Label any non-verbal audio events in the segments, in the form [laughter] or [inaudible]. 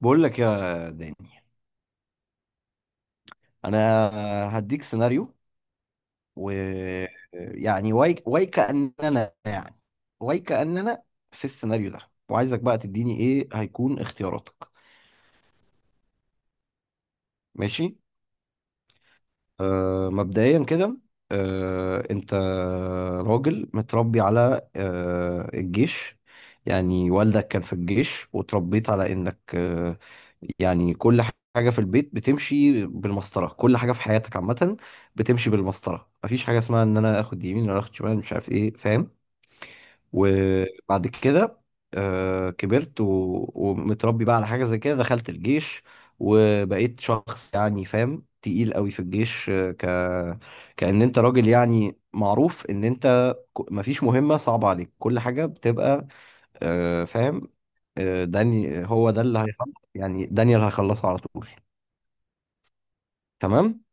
بقول لك يا داني، انا هديك سيناريو، و يعني واي واي كأننا يعني واي كأننا في السيناريو ده، وعايزك بقى تديني ايه هيكون اختياراتك. ماشي. مبدئيا كده. انت راجل متربي على الجيش، يعني والدك كان في الجيش وتربيت على انك، يعني كل حاجة في البيت بتمشي بالمسطرة، كل حاجة في حياتك عامة بتمشي بالمسطرة، مفيش حاجة اسمها ان انا اخد يمين ولا اخد شمال مش عارف ايه، فاهم؟ وبعد كده كبرت ومتربي بقى على حاجة زي كده، دخلت الجيش وبقيت شخص يعني فاهم تقيل قوي في الجيش، كأن انت راجل يعني معروف ان انت مفيش مهمة صعبة عليك، كل حاجة بتبقى، فاهم. داني هو ده اللي هيخلص، يعني دانيال هيخلصه على طول. تمام.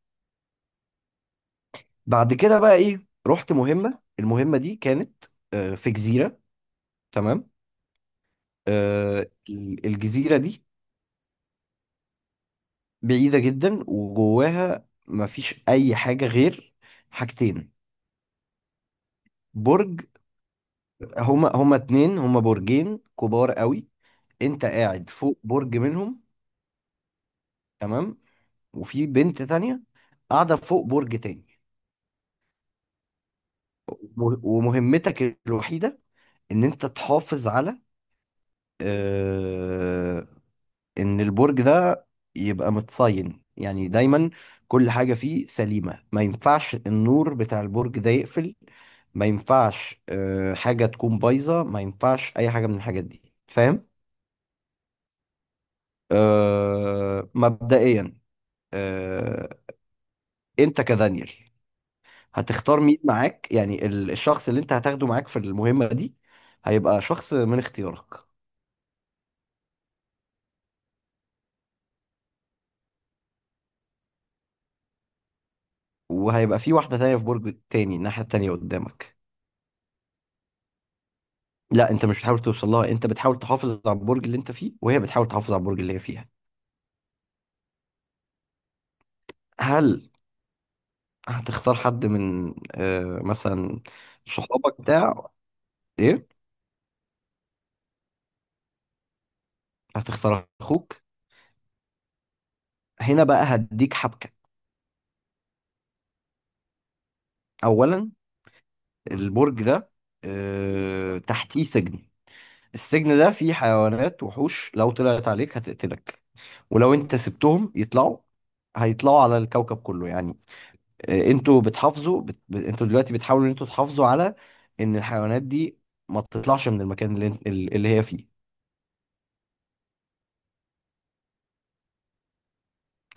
بعد كده بقى ايه، رحت مهمة، المهمة دي كانت في جزيرة. تمام. آه، الجزيرة دي بعيدة جدا وجواها مفيش أي حاجة غير حاجتين، برج. هما اتنين، هما برجين كبار قوي. انت قاعد فوق برج منهم. تمام. وفي بنت تانية قاعدة فوق برج تاني. ومهمتك الوحيدة ان انت تحافظ على، آه، ان البرج ده يبقى متصين يعني دايما، كل حاجة فيه سليمة، ما ينفعش النور بتاع البرج ده يقفل، ما ينفعش حاجة تكون بايظة، ما ينفعش اي حاجة من الحاجات دي، فاهم؟ مبدئيا آه، انت كدانيال هتختار مين معاك، يعني الشخص اللي انت هتاخده معاك في المهمة دي هيبقى شخص من اختيارك. وهيبقى في واحدة تانية في برج تاني الناحية التانية قدامك. لا، انت مش بتحاول توصل لها، انت بتحاول تحافظ على البرج اللي انت فيه وهي بتحاول تحافظ على البرج اللي هي فيها. هل هتختار حد من مثلا صحابك بتاع ايه؟ هتختار اخوك. هنا بقى هديك حبكة. اولا، البرج ده تحتيه سجن، السجن ده فيه حيوانات وحوش، لو طلعت عليك هتقتلك، ولو انت سبتهم يطلعوا هيطلعوا على الكوكب كله يعني. انتوا بتحافظوا انتوا دلوقتي بتحاولوا ان انتوا تحافظوا على ان الحيوانات دي ما تطلعش من المكان اللي هي فيه.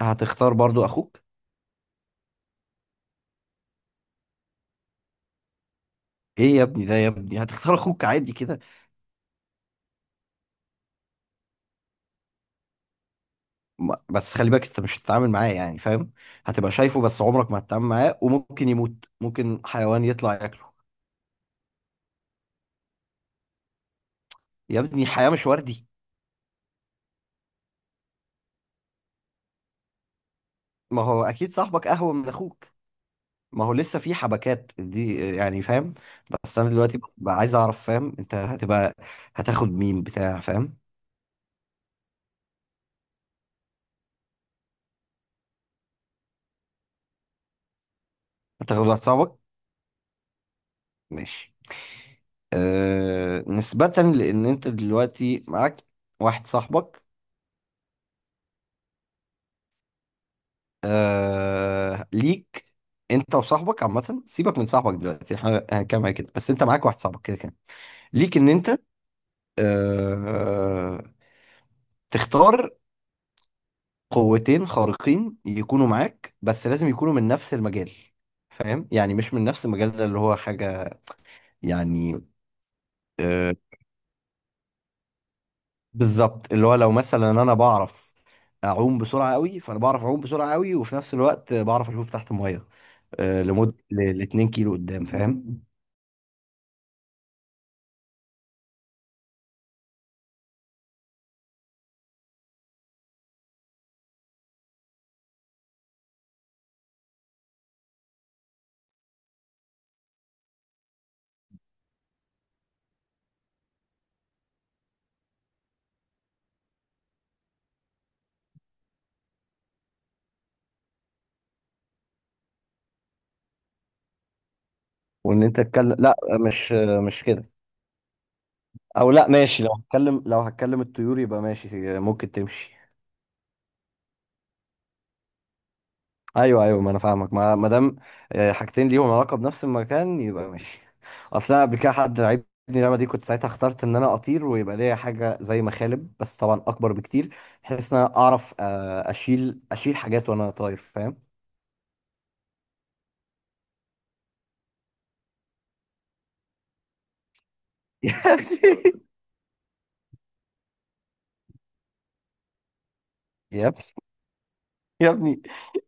هتختار برضو اخوك؟ ايه يا ابني ده يا ابني، هتختار اخوك عادي كده؟ بس خلي بالك انت مش هتتعامل معاه، يعني فاهم، هتبقى شايفه بس عمرك ما هتتعامل معاه، وممكن يموت ممكن حيوان يطلع ياكله. يا ابني الحياة مش وردي. ما هو اكيد صاحبك اهون من اخوك. ما هو لسه في حبكات دي يعني فاهم. بس انا دلوقتي بقى عايز اعرف، فاهم، انت هتبقى هتاخد مين بتاع، فاهم؟ هتاخد واحد صاحبك. ماشي. نسبة لأن أنت دلوقتي معاك واحد صاحبك، ليك، أنت وصاحبك عامة سيبك من صاحبك دلوقتي، احنا هنتكلم على كده، بس أنت معاك واحد صاحبك كده كده. ليك إن أنت آه تختار قوتين خارقين يكونوا معاك، بس لازم يكونوا من نفس المجال، فاهم؟ يعني مش من نفس المجال ده اللي هو حاجة يعني. آه، بالظبط، اللي هو لو مثلا انا بعرف اعوم بسرعه قوي، فانا بعرف اعوم بسرعه قوي وفي نفس الوقت بعرف اشوف تحت الميه لمده ل 2 كيلو قدام، فاهم. وان انت تتكلم، لا مش مش كده، او لا ماشي، لو هتكلم لو هتكلم الطيور يبقى ماشي ممكن تمشي. ايوه ايوه، ما انا فاهمك، ما دام حاجتين ليهم علاقه بنفس المكان يبقى ماشي. اصل انا قبل كده حد لعبني اللعبه دي، كنت ساعتها اخترت ان انا اطير ويبقى ليا حاجه زي مخالب، بس طبعا اكبر بكتير، بحيث ان انا اعرف اشيل حاجات وانا طاير، فاهم. [laughs] يا اخي، يا ابني،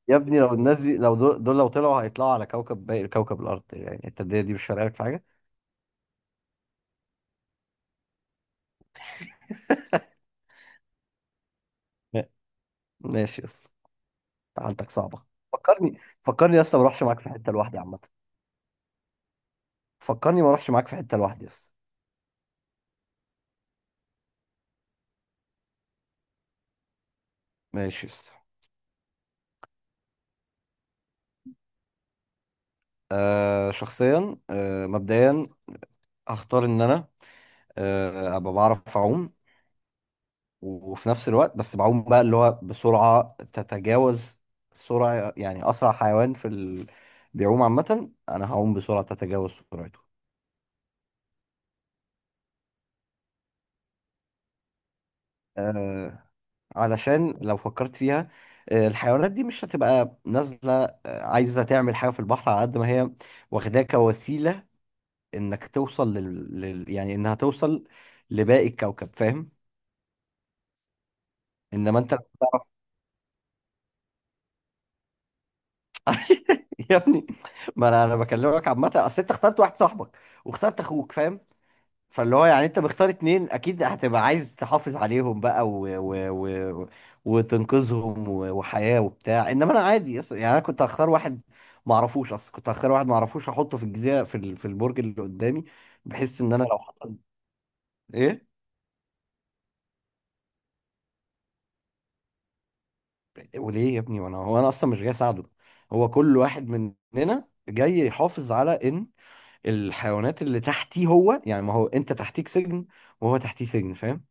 يا ابني يا ابني، لو الناس دي، لو دول لو طلعوا هيطلعوا على كوكب، باقي كوكب الارض يعني التدرية دي مش فارقه لك في حاجه. [laughs] ماشي يا اسطى، حالتك صعبه. فكرني فكرني يا اسطى ما اروحش معاك في حته لوحدي عامه. فكرني ما اروحش معاك في حته لوحدي يا اسطى. ماشي يا اسطى. شخصيا مبدئيا هختار ان انا ابقى بعرف اعوم، وفي نفس الوقت بس بعوم بقى اللي هو بسرعه تتجاوز سرعه، يعني اسرع حيوان في بيعوم عامه انا هعوم بسرعه تتجاوز سرعته. آه علشان لو فكرت فيها، الحيوانات دي مش هتبقى نازلة، عايزة تعمل حاجة في البحر، على قد ما هي واخداه كوسيلة انك توصل يعني انها توصل لباقي الكوكب، فاهم. انما انت لو تعرف. [laughs] يا ابني، ما انا بكلمك عامه، اصل انت اخترت واحد صاحبك واخترت اخوك، فاهم، فاللي هو يعني انت مختار اتنين اكيد هتبقى عايز تحافظ عليهم بقى و... وتنقذهم وحياة وبتاع، انما انا عادي، يعني انا كنت هختار واحد ما اعرفوش اصلا، كنت هختار واحد ما اعرفوش احطه في الجزيره في في البرج اللي قدامي، بحيث ان انا لو حصل ايه. وليه يا ابني، وانا هو انا اصلا مش جاي اساعده، هو كل واحد مننا جاي يحافظ على ان الحيوانات اللي تحتيه، هو يعني ما هو انت تحتيك سجن وهو تحتيه سجن، فاهم،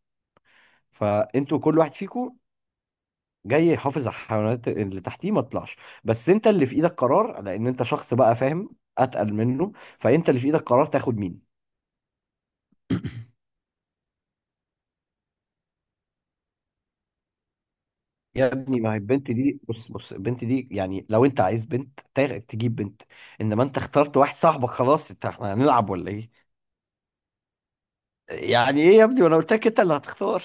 فانتوا كل واحد فيكم جاي يحافظ على الحيوانات اللي تحتيه ما تطلعش، بس انت اللي في ايدك قرار لان انت شخص بقى فاهم اتقل منه، فانت اللي في ايدك قرار تاخد مين. يا ابني ما هي البنت دي، بص بص البنت دي يعني لو انت عايز بنت تجيب بنت، انما انت اخترت واحد صاحبك خلاص، انت احنا هنلعب ولا ايه؟ يعني ايه يا ابني، وانا قلت لك انت اللي هتختار.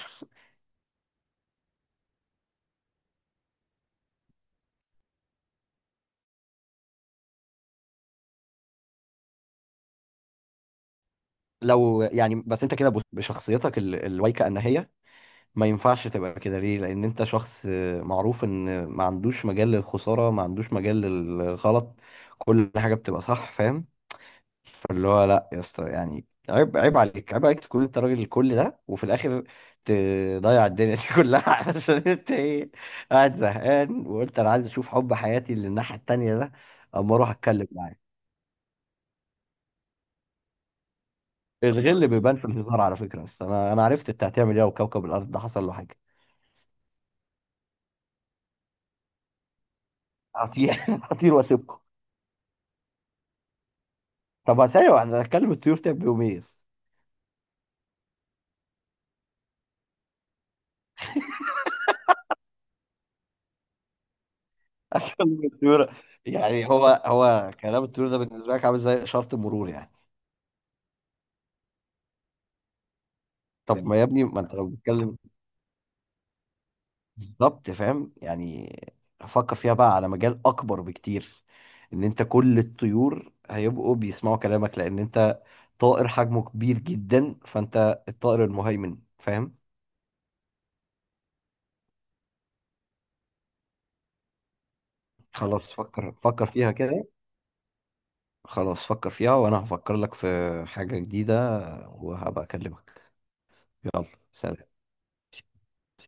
لو يعني بس انت كده بشخصيتك الوايكه انهيه ما ينفعش تبقى كده، ليه؟ لان انت شخص معروف ان ما عندوش مجال للخساره، ما عندوش مجال للغلط، كل حاجه بتبقى صح، فاهم، فاللي هو لا يا اسطى، يعني عيب عيب عليك عيب عليك تكون انت راجل الكل ده وفي الاخر تضيع الدنيا دي كلها [laughs] عشان انت ايه، قاعد زهقان وقلت انا عايز اشوف حب حياتي اللي الناحيه التانيه ده اما اروح اتكلم معاه. الغل بيبان في الهزار على فكره، بس انا عرفت انت هتعمل ايه، وكوكب الارض ده حصل له حاجه. هطير [laughs] هطير واسيبكم. طب ثانيه واحده، اتكلم الطيور تعمل بيهم ايه؟ [laughs] اكلم الطيور. يعني هو كلام الطيور ده بالنسبه لك عامل زي اشاره المرور يعني؟ طب ما يا ابني ما انت لو بتتكلم بالظبط، فاهم يعني، فكر فيها بقى على مجال اكبر بكتير، ان انت كل الطيور هيبقوا بيسمعوا كلامك، لان انت طائر حجمه كبير جدا فانت الطائر المهيمن، فاهم. خلاص فكر فكر فيها كده. خلاص فكر فيها وانا هفكر لك في حاجة جديدة وهبقى اكلمك. يلا، سلام.